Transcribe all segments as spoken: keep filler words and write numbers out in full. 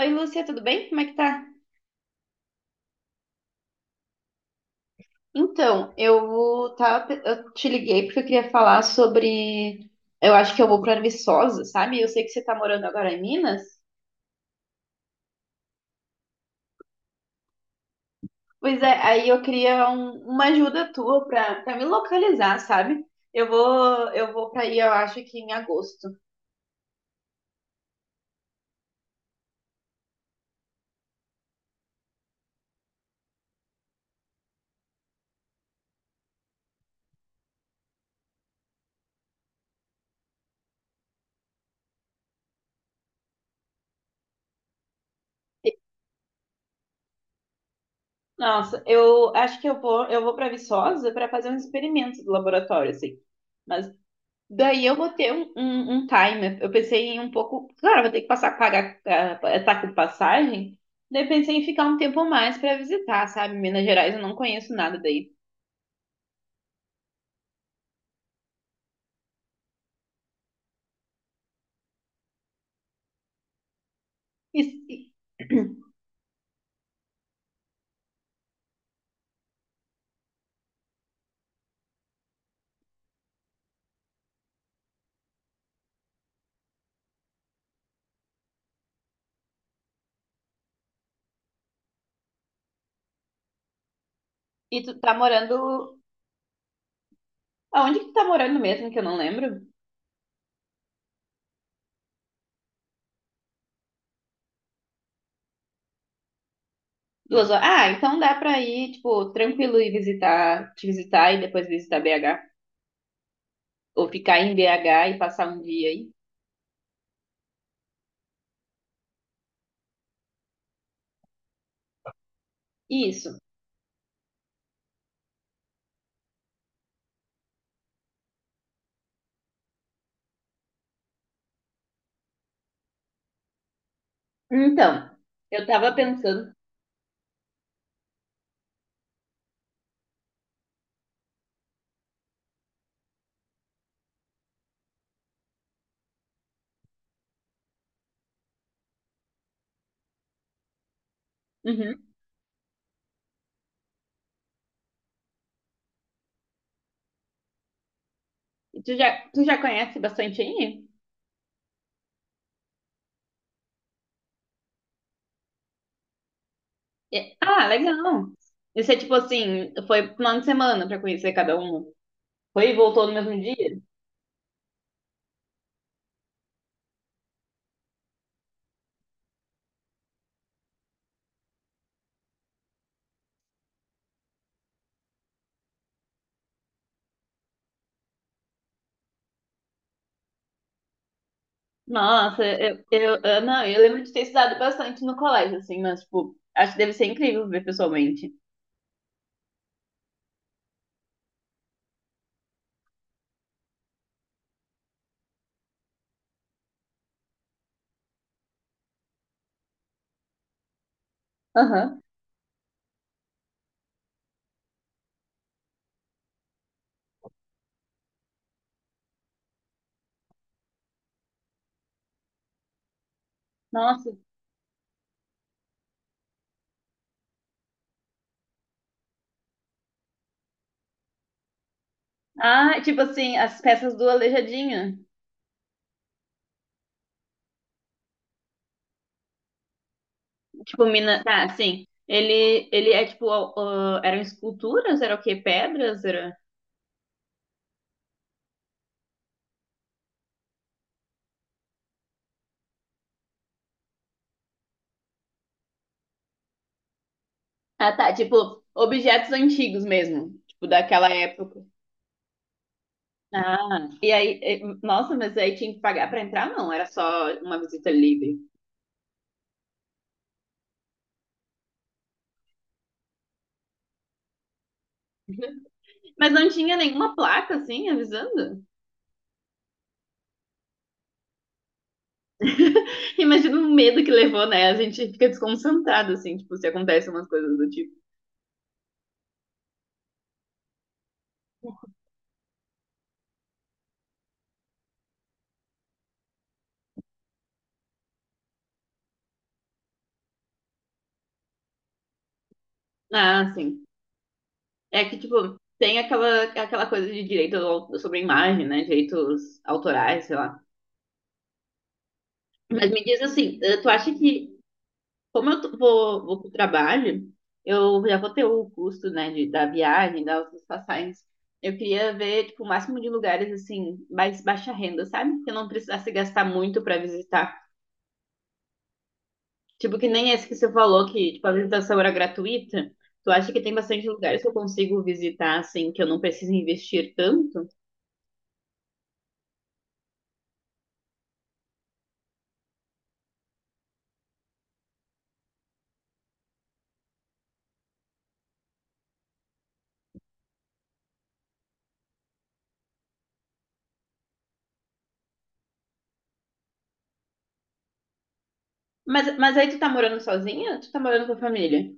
Oi, Lúcia, tudo bem? Como é que tá? Então, eu vou tá, eu te liguei porque eu queria falar sobre. Eu acho que eu vou para Viçosa, sabe? Eu sei que você tá morando agora em Minas. Pois é, aí eu queria um- uma ajuda tua para para me localizar, sabe? Eu vou eu vou para aí, eu acho que em agosto. Nossa, eu acho que eu vou eu vou para Viçosa para fazer uns experimentos do laboratório, assim. Mas daí eu botei um, um, um timer. Eu pensei em um pouco. Claro, vou ter que passar, pagar, ah, tá com passagem. Daí pensei em ficar um tempo mais pra visitar, sabe? Minas Gerais, eu não conheço nada daí. E, e, e tu tá morando. Aonde que tu tá morando mesmo, que eu não lembro? Duas horas. Ah, então dá pra ir, tipo, tranquilo e visitar, te visitar e depois visitar B agá. Ou ficar em B agá e passar um dia aí. Isso. Então, eu tava pensando. Uhum. E Tu já, tu já conhece bastante aí? É- Ah, legal. E você, tipo assim, foi final de semana pra conhecer cada um? Foi e voltou no mesmo dia? Nossa, eu, eu, eu- não, eu lembro de ter estudado bastante no colégio, assim, mas, tipo, acho que deve ser incrível ver pessoalmente. Aham. Nossa. Ah, tipo assim, as peças do Aleijadinha. Tipo, mina. Tá, sim. Ele, ele é tipo. ah, eram esculturas? Era o quê? Pedras? Era... Ah, tá. Tipo, objetos antigos mesmo. Tipo, daquela época. Ah, e aí. eh, Nossa, mas aí tinha que pagar pra entrar? Não, era só uma visita livre. Mas não tinha nenhuma placa, assim, avisando? Imagina o medo que levou, né? A gente fica desconcentrado, assim, tipo, se acontecem umas coisas do tipo. Ah, sim. É que, tipo, tem aquela, aquela coisa de direito ao- sobre a imagem, né? Direitos autorais, sei lá. Mas me diz assim, eh, tu acha que, como eu tô- vou, vou pro trabalho, eu já vou ter o custo, né, de, da viagem, das, das passagens. Eu queria ver, tipo, o máximo de lugares, assim, mais baixa renda, sabe? Que eu não precisasse gastar muito pra visitar. Tipo, que nem esse que você falou, que, tipo, a visitação era gratuita. Tu acha que tem bastante lugares que eu consigo visitar, assim, que eu não preciso investir tanto? Mas, mas aí tu tá morando sozinha? Ou tu tá morando com a família?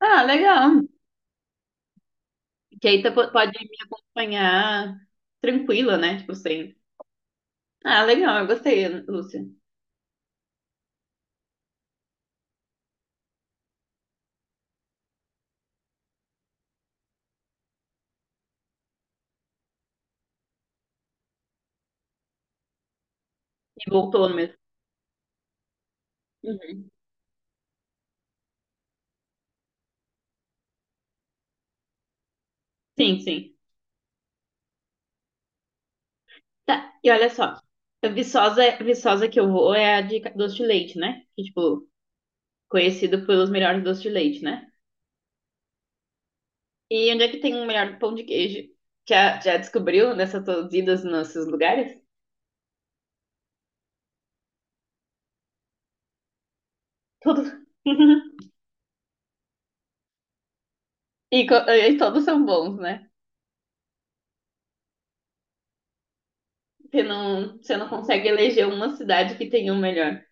Ah, legal. Que aí tu po- pode me acompanhar tranquila, né? Tipo assim. Ah, legal, eu gostei, Lúcia. E voltou mesmo. Uhum. Sim, sim. Tá, e olha só. A Viçosa, Viçosa que eu vou é a de ca- doce de leite, né? Que, tipo, conhecido pelos melhores doces de leite, né? E onde é que tem o melhor pão de queijo? Já já descobriu nessas tuas idas nesses lugares? Todos. E, co- e todos são bons, né? Você não, você não consegue eleger uma cidade que tem um melhor.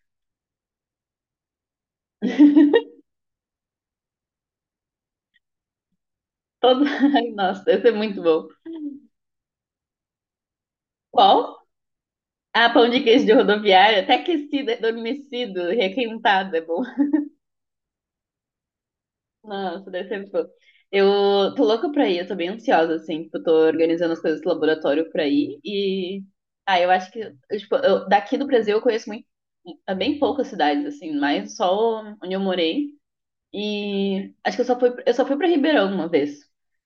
Todo... Ai, nossa, deve ser muito bom. Qual? Ah, pão de queijo de rodoviária, até aquecido, adormecido, requentado, é bom. Nossa, deve ser bom. Eu tô louca pra ir, eu tô bem ansiosa, assim, tipo, eu tô organizando as coisas do laboratório pra ir e... Ah, eu acho que, eu, tipo, eu- daqui do Brasil eu conheço muito, bem poucas cidades, assim, mais só onde eu morei. E acho que eu só fui, eu só fui para Ribeirão uma vez,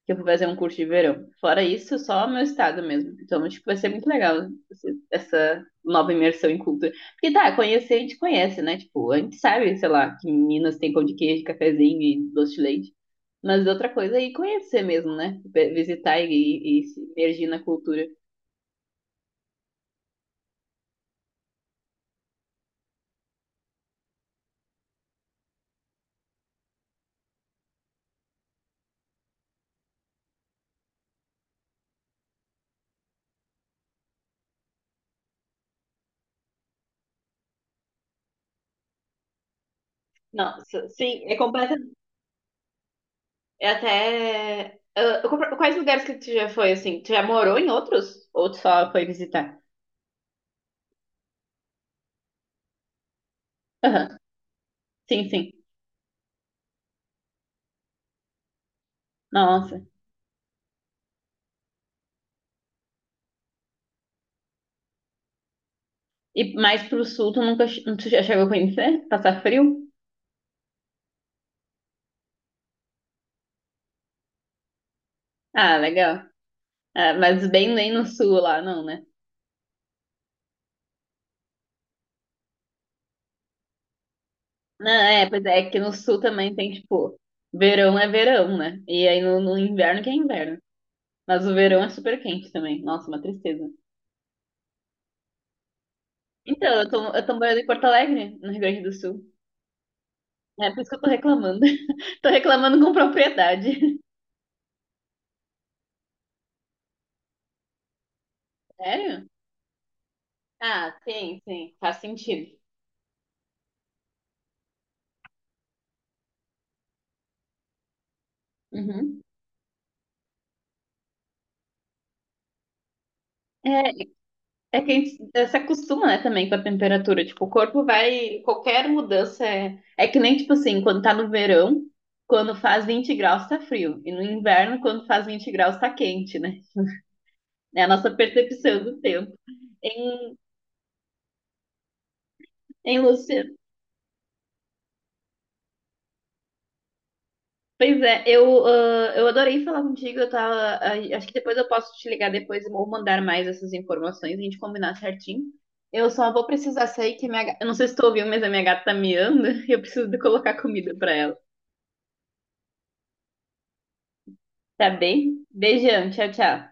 que eu fui fazer um curso de verão. Fora isso, só meu estado mesmo. Então, acho que vai ser muito legal esse- essa nova imersão em cultura. Porque tá, conhecer a gente conhece, né? Tipo, a gente sabe, sei lá, que Minas tem pão de queijo, cafezinho e doce de leite. Mas outra coisa é ir conhecer mesmo, né? Pe- Visitar e, e, e se imergir na cultura. Não, sim, é completamente. É até. Ah, compro- Quais lugares que tu já foi, assim? Tu já morou em outros? Ou tu só foi visitar. Sim, sim. Nossa. E mais pro sul, tu nunca che- tu já chegou a conhecer? Passar frio? Ah, legal. Ah, mas bem nem no sul lá, não, né? Não, é, pois é, que no sul também tem, tipo, verão é verão, né? E aí no, no inverno que é inverno. Mas o verão é super quente também. Nossa, uma tristeza. Então, eu tô, eu tô morando em Porto Alegre, no Rio Grande do Sul. É por isso que eu tô reclamando. Tô reclamando com propriedade. Sério? Ah, sim, sim. Faz sentido. Uhum. É, é que a gente eh, se acostuma, né, também com a temperatura. Tipo, o corpo vai. Qualquer mudança é. É que nem, tipo assim, quando tá no verão, quando faz vinte graus tá frio. E no inverno, quando faz vinte graus tá quente, né? É a nossa percepção do tempo. Em, em Lúcia. Pois é, eu, ah, eu adorei falar contigo. Eu tava. ah, acho que depois eu posso te ligar depois ou mandar mais essas informações, a gente combinar certinho. Eu só vou precisar sair que minha. ga- Eu não sei se tu ouviu, mas a minha gata tá miando e eu preciso de colocar comida pra ela. Tá bem? Beijão, tchau, tchau.